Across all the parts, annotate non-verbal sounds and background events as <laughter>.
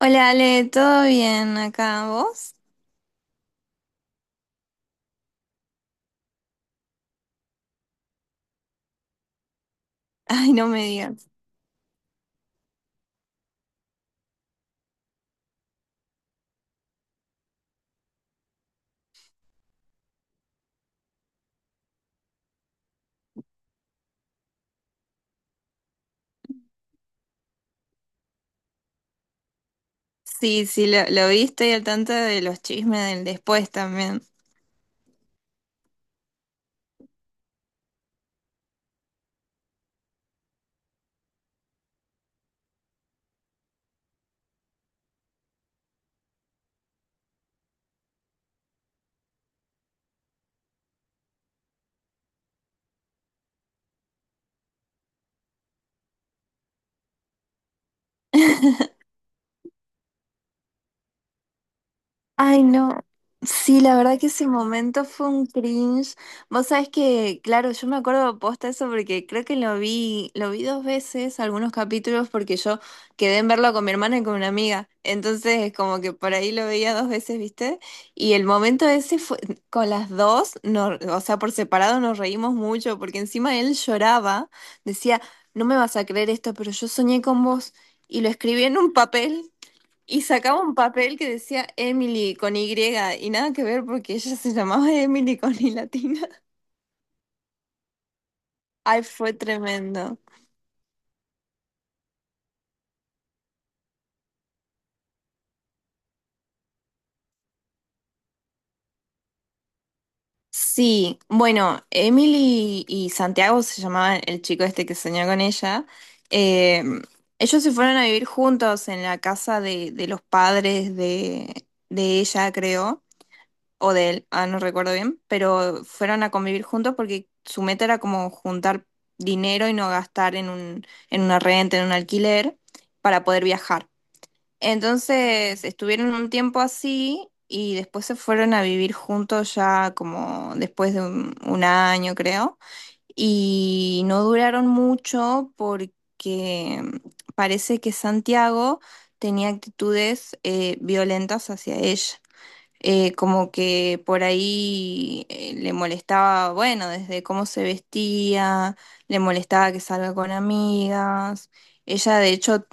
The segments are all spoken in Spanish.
Hola Ale, ¿todo bien acá? ¿Vos? <laughs> Ay, no me digas. Sí, sí, lo vi, estoy al tanto de los chismes del después también. <laughs> Ay, no. Sí, la verdad que ese momento fue un cringe. Vos sabés que, claro, yo me acuerdo posta eso porque creo que lo vi dos veces, algunos capítulos, porque yo quedé en verlo con mi hermana y con una amiga. Entonces, como que por ahí lo veía dos veces, ¿viste? Y el momento ese fue, con las dos, no, o sea, por separado nos reímos mucho, porque encima él lloraba, decía, no me vas a creer esto, pero yo soñé con vos. Y lo escribí en un papel. Y sacaba un papel que decía Emily con Y y nada que ver porque ella se llamaba Emily con Y latina. <laughs> Ay, fue tremendo. Sí, bueno, Emily y Santiago se llamaban el chico este que soñó con ella. eh, Ellos se fueron a vivir juntos en la casa de los padres de ella, creo. O de él, ah, no recuerdo bien, pero fueron a convivir juntos porque su meta era como juntar dinero y no gastar en un, en una renta, en un alquiler, para poder viajar. Entonces estuvieron un tiempo así y después se fueron a vivir juntos ya como después de un año, creo, y no duraron mucho porque parece que Santiago tenía actitudes violentas hacia ella como que por ahí le molestaba, bueno, desde cómo se vestía, le molestaba que salga con amigas. Ella de hecho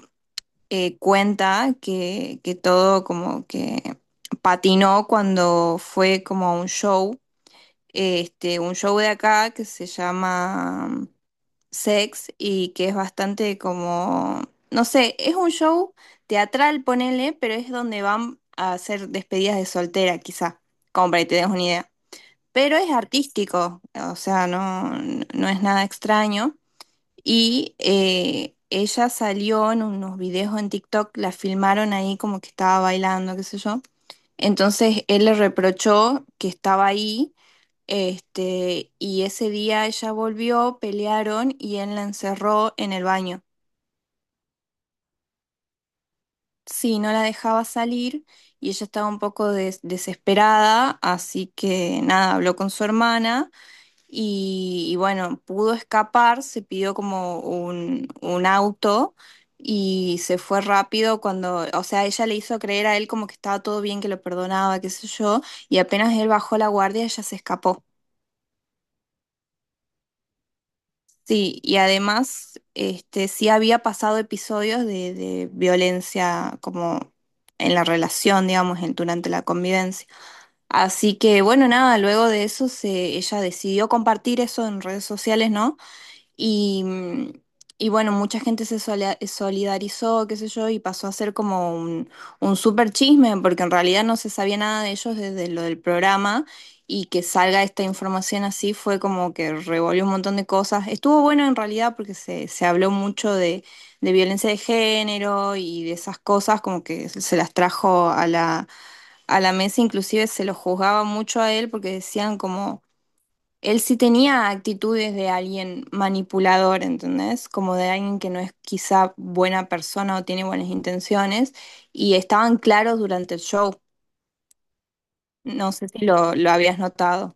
cuenta que todo como que patinó cuando fue como a un show, este, un show de acá que se llama Sex y que es bastante como, no sé, es un show teatral, ponele, pero es donde van a hacer despedidas de soltera, quizá, como para que te des una idea. Pero es artístico, o sea, no, no es nada extraño. Y ella salió en unos videos en TikTok, la filmaron ahí como que estaba bailando, qué sé yo. Entonces él le reprochó que estaba ahí este, y ese día ella volvió, pelearon y él la encerró en el baño. Sí, no la dejaba salir y ella estaba un poco desesperada, así que nada, habló con su hermana y bueno, pudo escapar, se pidió como un auto y se fue rápido cuando, o sea, ella le hizo creer a él como que estaba todo bien, que lo perdonaba, qué sé yo, y apenas él bajó la guardia, ella se escapó. Sí, y además, este, sí había pasado episodios de violencia como en la relación, digamos, durante la convivencia. Así que, bueno, nada, luego de eso se, ella decidió compartir eso en redes sociales, ¿no? Y, y bueno, mucha gente se solidarizó, qué sé yo, y pasó a ser como un súper chisme, porque en realidad no se sabía nada de ellos desde lo del programa, y que salga esta información así fue como que revolvió un montón de cosas. Estuvo bueno en realidad porque se habló mucho de violencia de género y de esas cosas, como que se las trajo a la mesa, inclusive se lo juzgaba mucho a él porque decían como él sí tenía actitudes de alguien manipulador, ¿entendés? Como de alguien que no es quizá buena persona o tiene buenas intenciones, y estaban claros durante el show. No sé si lo, lo habías notado.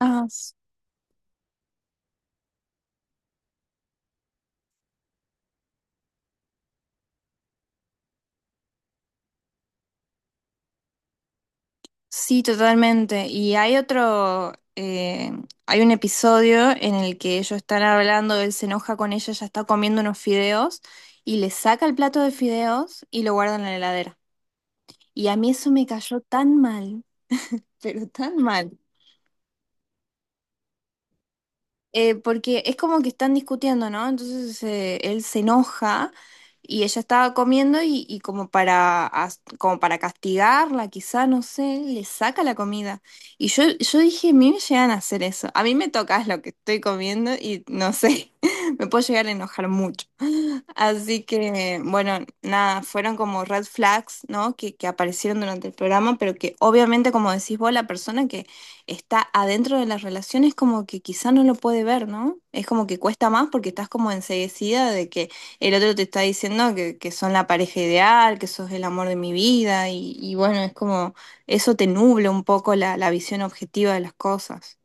Ah, sí, totalmente. Y hay otro, hay un episodio en el que ellos están hablando, él se enoja con ella, ella está comiendo unos fideos, y le saca el plato de fideos y lo guarda en la heladera. Y a mí eso me cayó tan mal, pero tan mal. Porque es como que están discutiendo, ¿no? Entonces él se enoja y ella estaba comiendo y como para, como para castigarla, quizá, no sé, le saca la comida. Y yo dije, a mí me llegan a hacer eso. A mí me tocas lo que estoy comiendo y no sé, <laughs> me puedo llegar a enojar mucho. Así que, bueno, nada, fueron como red flags, ¿no? Que aparecieron durante el programa, pero que obviamente, como decís vos, la persona que está adentro de las relaciones, como que quizá no lo puede ver, ¿no? Es como que cuesta más porque estás como enseguecida de que el otro te está diciendo que son la pareja ideal, que sos el amor de mi vida, y bueno, es como eso te nubla un poco la, la visión objetiva de las cosas.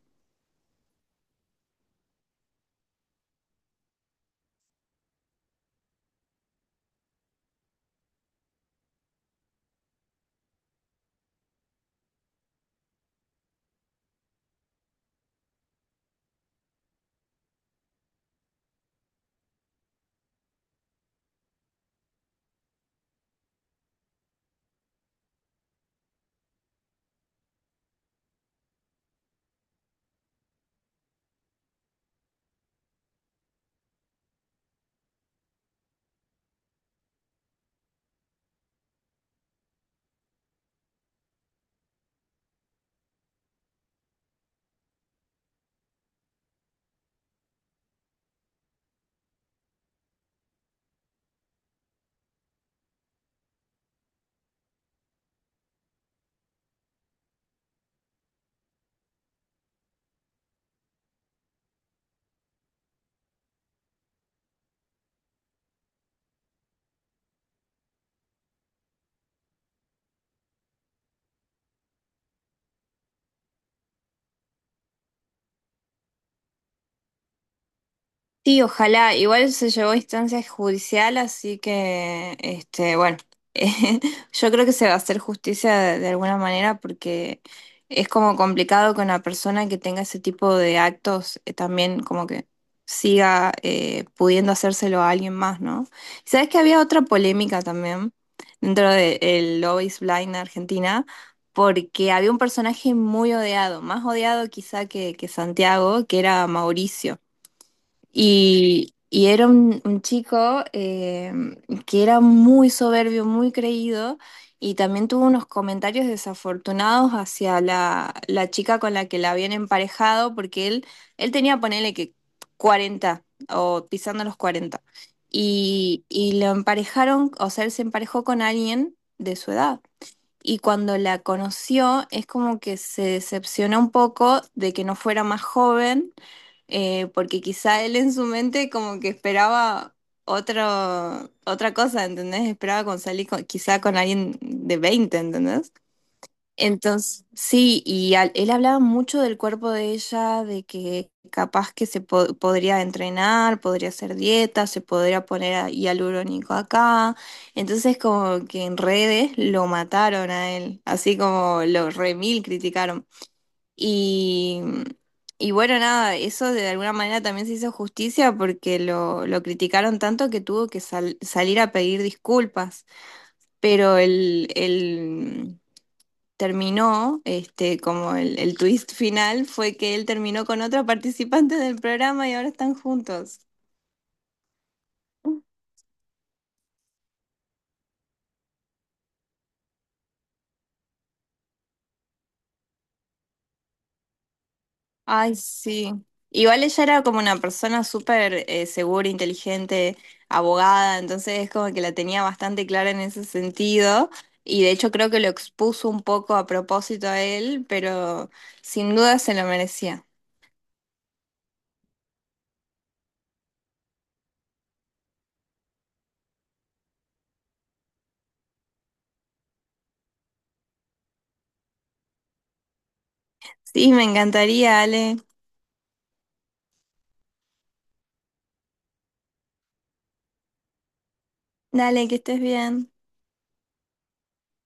Sí, ojalá. Igual se llevó a instancia judicial, así que, este, bueno, <laughs> eh, yo creo que se va a hacer justicia de alguna manera porque es como complicado que una persona que tenga ese tipo de actos también como que siga pudiendo hacérselo a alguien más, ¿no? Y sabes que había otra polémica también dentro del Love is Blind Argentina, porque había un personaje muy odiado, más odiado quizá que Santiago, que era Mauricio. Y era un chico que era muy soberbio, muy creído, y también tuvo unos comentarios desafortunados hacia la, la chica con la que la habían emparejado, porque él tenía, ponele que 40 o pisando los 40. Y lo emparejaron, o sea, él se emparejó con alguien de su edad. Y cuando la conoció, es como que se decepcionó un poco de que no fuera más joven porque quizá él en su mente como que esperaba otro, otra cosa, ¿entendés? Esperaba con quizá con alguien de 20, ¿entendés? Entonces, sí, y él hablaba mucho del cuerpo de ella, de que capaz que se podría entrenar, podría hacer dieta, se podría poner hialurónico acá. Entonces, como que en redes lo mataron a él, así como lo remil criticaron. Y, y bueno, nada, eso de alguna manera también se hizo justicia porque lo criticaron tanto que tuvo que salir a pedir disculpas. Pero el, terminó, este, como el twist final fue que él terminó con otra participante del programa y ahora están juntos. Ay, sí. Igual ella era como una persona súper segura, inteligente, abogada, entonces es como que la tenía bastante clara en ese sentido y de hecho creo que lo expuso un poco a propósito a él, pero sin duda se lo merecía. Sí, me encantaría, Ale. Dale, que estés bien.